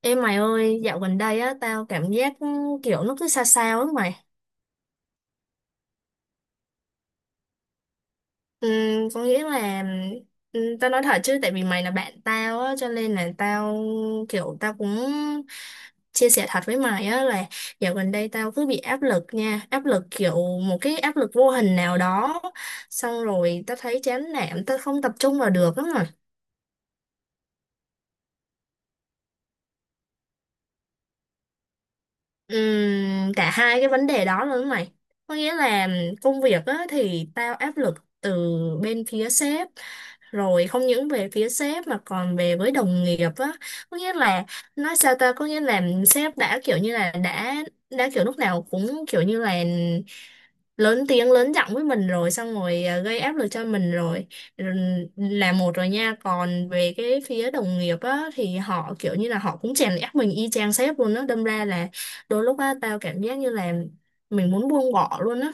Ê mày ơi, dạo gần đây á, tao cảm giác kiểu nó cứ sao sao á mày. Ừ, có nghĩa là, tao nói thật chứ, tại vì mày là bạn tao á, cho nên là tao cũng chia sẻ thật với mày á là dạo gần đây tao cứ bị áp lực nha, áp lực kiểu một cái áp lực vô hình nào đó, xong rồi tao thấy chán nản, tao không tập trung vào được lắm. Cả hai cái vấn đề đó luôn mày, có nghĩa là công việc á, thì tao áp lực từ bên phía sếp, rồi không những về phía sếp mà còn về với đồng nghiệp á, có nghĩa là nói sao ta, có nghĩa là sếp đã kiểu lúc nào cũng kiểu như là lớn tiếng lớn giọng với mình rồi, xong rồi gây áp lực cho mình rồi. Rồi là một rồi nha, còn về cái phía đồng nghiệp á thì họ kiểu như là họ cũng chèn ép mình y chang sếp luôn á, đâm ra là đôi lúc á tao cảm giác như là mình muốn buông bỏ luôn á.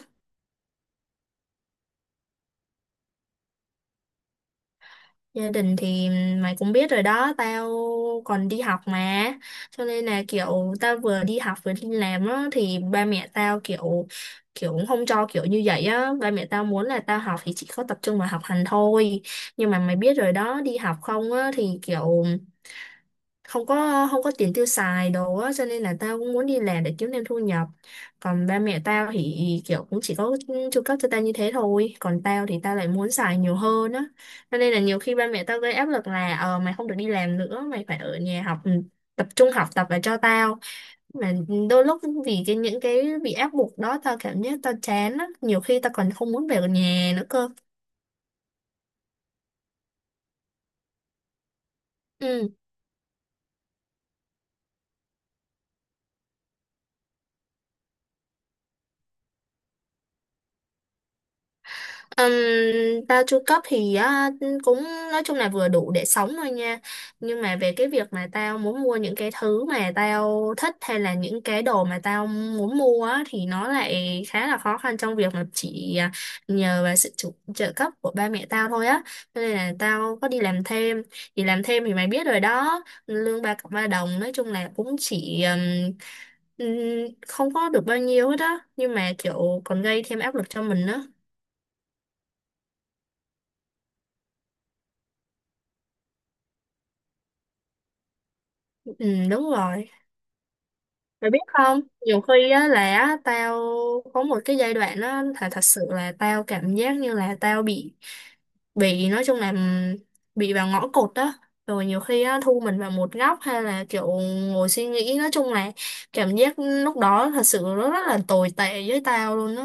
Gia đình thì mày cũng biết rồi đó, tao còn đi học mà. Cho nên là kiểu tao vừa đi học vừa đi làm á thì ba mẹ tao kiểu kiểu cũng không cho kiểu như vậy á, ba mẹ tao muốn là tao học thì chỉ có tập trung vào học hành thôi. Nhưng mà mày biết rồi đó, đi học không á thì kiểu không có tiền tiêu xài đồ á, cho nên là tao cũng muốn đi làm để kiếm thêm thu nhập, còn ba mẹ tao thì kiểu cũng chỉ có chu cấp cho tao như thế thôi, còn tao thì tao lại muốn xài nhiều hơn á, cho nên là nhiều khi ba mẹ tao gây áp lực là ờ mày không được đi làm nữa, mày phải ở nhà học, tập trung học tập và cho tao, mà đôi lúc vì cái những cái bị áp buộc đó tao cảm giác tao chán á, nhiều khi tao còn không muốn về nhà nữa cơ. Ừ. Ừm, Bao chu cấp thì á, cũng nói chung là vừa đủ để sống thôi nha, nhưng mà về cái việc mà tao muốn mua những cái thứ mà tao thích hay là những cái đồ mà tao muốn mua á, thì nó lại khá là khó khăn trong việc mà chỉ nhờ vào trợ cấp của ba mẹ tao thôi á. Cho nên là tao có đi làm thêm, thì làm thêm thì mày biết rồi đó lương ba cọc ba đồng, nói chung là cũng chỉ ừm, không có được bao nhiêu hết á, nhưng mà kiểu còn gây thêm áp lực cho mình á. Ừ, đúng rồi. Mày biết không? Nhiều khi á là á, tao có một cái giai đoạn á, thật sự là tao cảm giác như là tao bị, nói chung là bị vào ngõ cụt á, rồi nhiều khi á thu mình vào một góc, hay là kiểu ngồi suy nghĩ, nói chung là cảm giác lúc đó thật sự nó rất là tồi tệ với tao luôn á.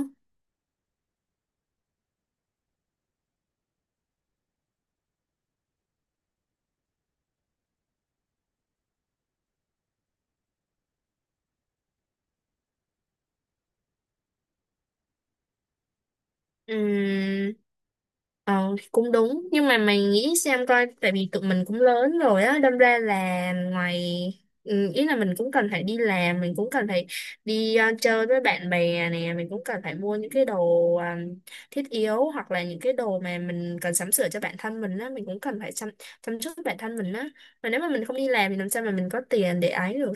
Ừm, Ờ Cũng đúng, nhưng mà mày nghĩ xem coi, tại vì tụi mình cũng lớn rồi á, đâm ra là ngoài, ừ, ý là mình cũng cần phải đi làm, mình cũng cần phải đi chơi với bạn bè nè, mình cũng cần phải mua những cái đồ thiết yếu hoặc là những cái đồ mà mình cần sắm sửa cho bản thân mình á, mình cũng cần phải chăm chăm chút bản thân mình á, mà nếu mà mình không đi làm thì làm sao mà mình có tiền để ấy được.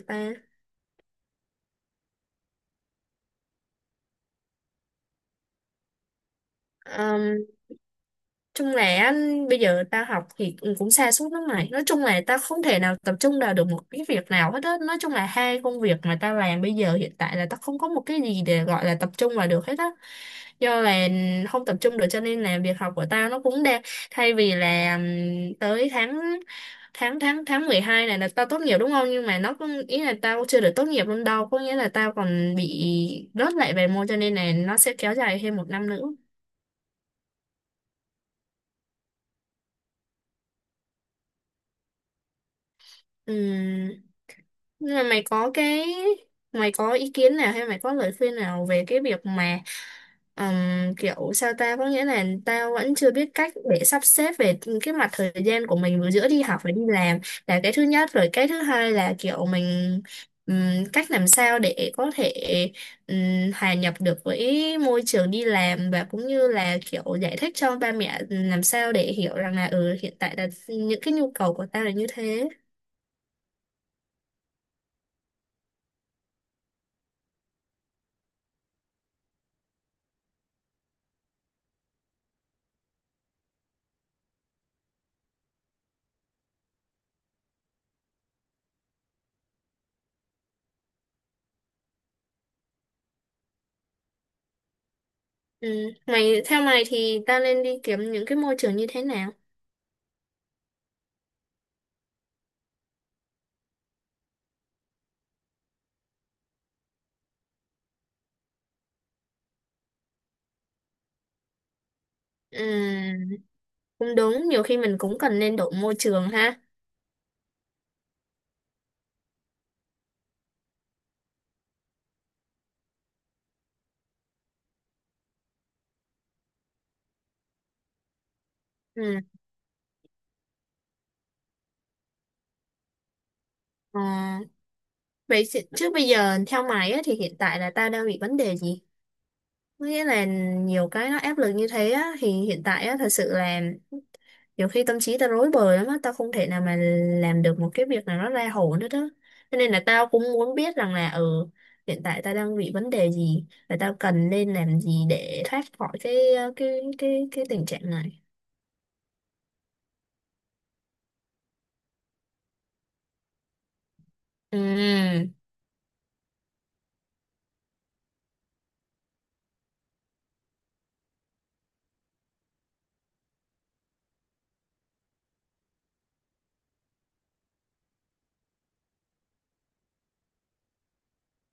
ta Chung là á, bây giờ tao học thì cũng cũng sa sút lắm mày, nói chung là tao không thể nào tập trung vào được một cái việc nào hết á, nói chung là hai công việc mà tao làm bây giờ hiện tại là tao không có một cái gì để gọi là tập trung vào được hết á, do là không tập trung được cho nên là việc học của tao nó cũng đang, thay vì là tới tháng tháng tháng tháng 12 này là tao tốt nghiệp đúng không, nhưng mà nó cũng ý là tao chưa được tốt nghiệp luôn đâu, có nghĩa là tao còn bị rớt lại vài môn, cho nên là nó sẽ kéo dài thêm một năm nữa. Ừ. Nhưng mà mày có ý kiến nào hay mày có lời khuyên nào về cái việc mà kiểu sao ta, có nghĩa là tao vẫn chưa biết cách để sắp xếp về cái mặt thời gian của mình vừa giữa đi học và đi làm, là cái thứ nhất, rồi cái thứ hai là kiểu mình cách làm sao để có thể hòa nhập được với môi trường đi làm và cũng như là kiểu giải thích cho ba mẹ làm sao để hiểu rằng là ừ hiện tại là những cái nhu cầu của tao là như thế. Ừ. Mày, theo mày thì ta nên đi kiếm những cái môi trường như thế nào? Ừ. Cũng đúng, nhiều khi mình cũng cần nên đổi môi trường ha. Ừ. Ờ. Chứ bây giờ theo mày á, thì hiện tại là ta đang bị vấn đề gì? Có nghĩa là nhiều cái nó áp lực như thế á, thì hiện tại á, thật sự là nhiều khi tâm trí tao rối bời lắm á, tao không thể nào mà làm được một cái việc nào nó ra hồn hết á, cho nên là tao cũng muốn biết rằng là ừ hiện tại tao đang bị vấn đề gì và tao cần nên làm gì để thoát khỏi cái cái tình trạng này. Ừ.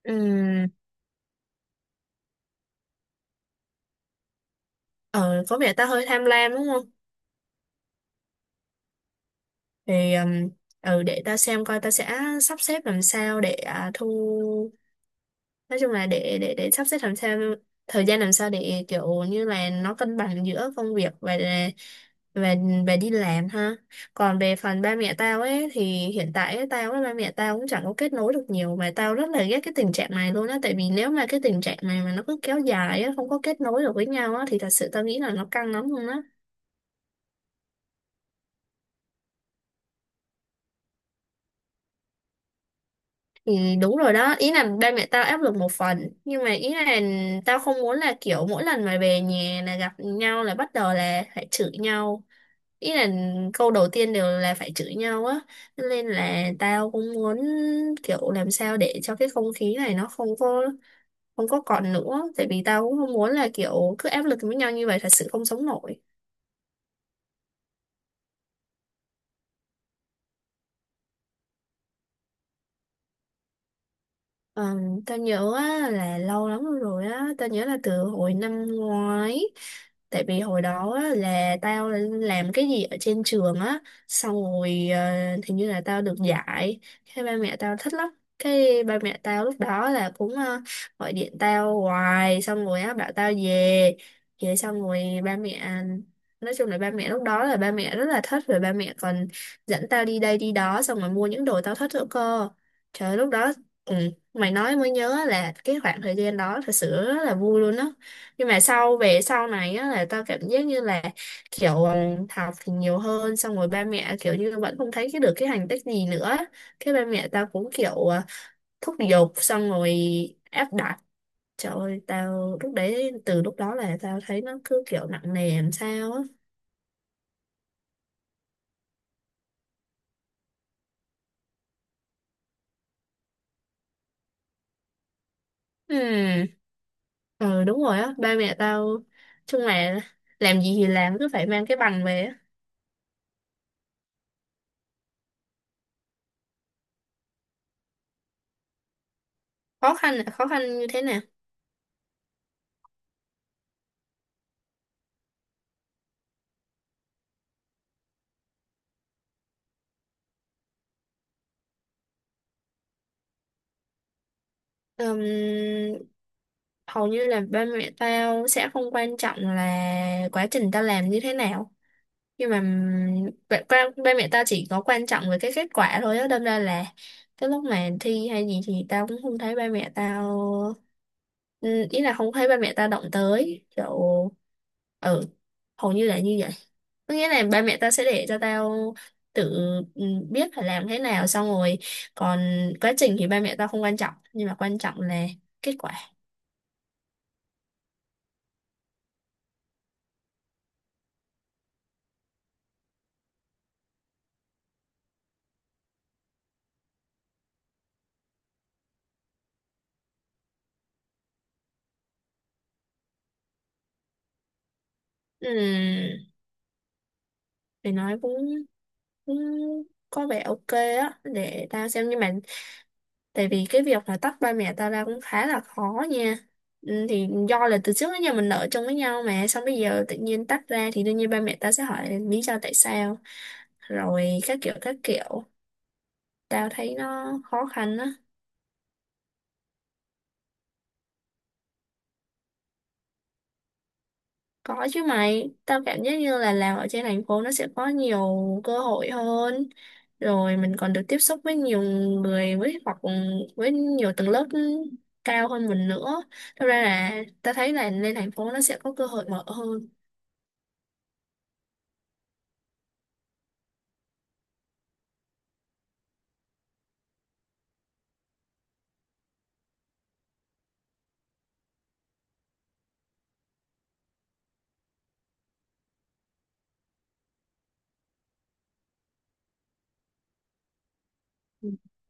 Ừ. Ờ, có vẻ tao hơi tham lam đúng không? Thì ừ, để tao xem coi tao sẽ sắp xếp làm sao để à, thu nói chung là để sắp xếp làm sao thời gian làm sao để kiểu như là nó cân bằng giữa công việc và và và đi làm ha. Còn về phần ba mẹ tao ấy thì hiện tại ấy, tao với ba mẹ tao cũng chẳng có kết nối được nhiều, mà tao rất là ghét cái tình trạng này luôn á, tại vì nếu mà cái tình trạng này mà nó cứ kéo dài á không có kết nối được với nhau á thì thật sự tao nghĩ là nó căng lắm luôn á. Thì đúng rồi đó, ý là ba mẹ tao áp lực một phần, nhưng mà ý là tao không muốn là kiểu mỗi lần mà về nhà là gặp nhau là bắt đầu là phải chửi nhau, ý là câu đầu tiên đều là phải chửi nhau á. Cho nên là tao cũng muốn kiểu làm sao để cho cái không khí này nó không có còn nữa, tại vì tao cũng không muốn là kiểu cứ áp lực với nhau như vậy, thật sự không sống nổi. Ờ, tao nhớ á, là lâu lắm rồi á, tao nhớ là từ hồi năm ngoái. Tại vì hồi đó á, là tao làm cái gì ở trên trường á, xong rồi hình như là tao được giải. Cái ba mẹ tao thích lắm. Cái ba mẹ tao lúc đó là cũng gọi điện tao hoài, xong rồi á, bảo tao về. Về xong rồi ba mẹ, nói chung là ba mẹ lúc đó là ba mẹ rất là thích. Rồi ba mẹ còn dẫn tao đi đây đi đó, xong rồi mua những đồ tao thích nữa cơ. Trời, lúc đó, ừ, mày nói mới nhớ là cái khoảng thời gian đó thật sự rất là vui luôn á. Nhưng mà sau về sau này á là tao cảm giác như là kiểu ừ, học thì nhiều hơn xong rồi ba mẹ kiểu như vẫn không thấy cái được cái thành tích gì nữa, cái ba mẹ tao cũng kiểu thúc giục, xong rồi áp đặt. Trời ơi, tao lúc đấy, từ lúc đó là tao thấy nó cứ kiểu nặng nề làm sao á. Ừ. Ừ, đúng rồi á, ba mẹ tao, chung là làm gì thì làm cứ phải mang cái bằng về á. Khó khăn là khó khăn như thế nào? Ừm, Hầu như là ba mẹ tao sẽ không quan trọng là quá trình tao làm như thế nào, nhưng mà ba, ba ba mẹ tao chỉ có quan trọng về cái kết quả thôi á, đâm ra là cái lúc mà thi hay gì thì tao cũng không thấy ba mẹ tao, ý là không thấy ba mẹ tao động tới kiểu, ừ, hầu như là như vậy. Có nghĩa là ba mẹ tao sẽ để cho tao tự, ừ, biết phải làm thế nào, xong rồi, còn quá trình thì ba mẹ tao không quan trọng nhưng mà quan trọng là kết quả. Ừm, để nói cũng, cũng có vẻ ok á, để tao xem, nhưng mà tại vì cái việc là tách ba mẹ tao ra cũng khá là khó nha. Thì do là từ trước đến giờ mình ở chung với nhau mà, xong bây giờ tự nhiên tách ra thì đương nhiên ba mẹ tao sẽ hỏi lý do tại sao, rồi các kiểu các kiểu, tao thấy nó khó khăn á. Có chứ mày, tao cảm giác như là làm ở trên thành phố nó sẽ có nhiều cơ hội hơn. Rồi mình còn được tiếp xúc với nhiều người với, hoặc với nhiều tầng lớp cao hơn mình nữa. Thật ra là tao thấy là lên thành phố nó sẽ có cơ hội mở hơn.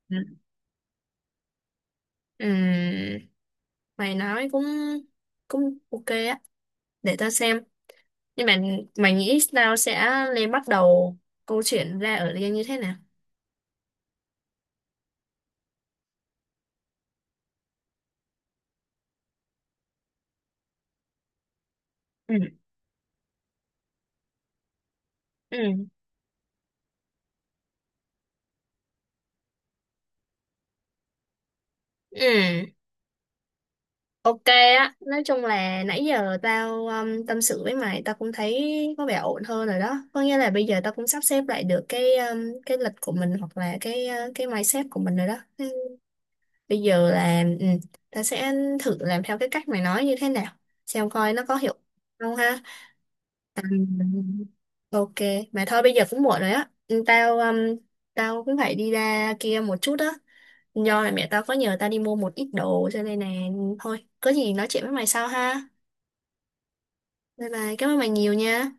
Ừ. Ừm, Mày nói cũng cũng ok á, để tao xem. Nhưng mà mày nghĩ tao sẽ lên bắt đầu câu chuyện ra ở Liên như thế nào? Ừ. Ừ. Ừ. Ok á, nói chung là nãy giờ tao tâm sự với mày, tao cũng thấy có vẻ ổn hơn rồi đó. Có nghĩa là bây giờ tao cũng sắp xếp lại được cái lịch của mình hoặc là cái mindset của mình rồi đó. Ừ. Bây giờ là tao sẽ thử làm theo cái cách mày nói như thế nào, xem coi nó có hiệu quả không ha. Ừ. Ok, mà thôi bây giờ cũng muộn rồi á. Ừ, Tao tao cũng phải đi ra kia một chút á. Do là mẹ tao có nhờ tao đi mua một ít đồ cho nên là thôi, có gì nói chuyện với mày sau ha. Bye bye, cảm ơn bạn nhiều nha.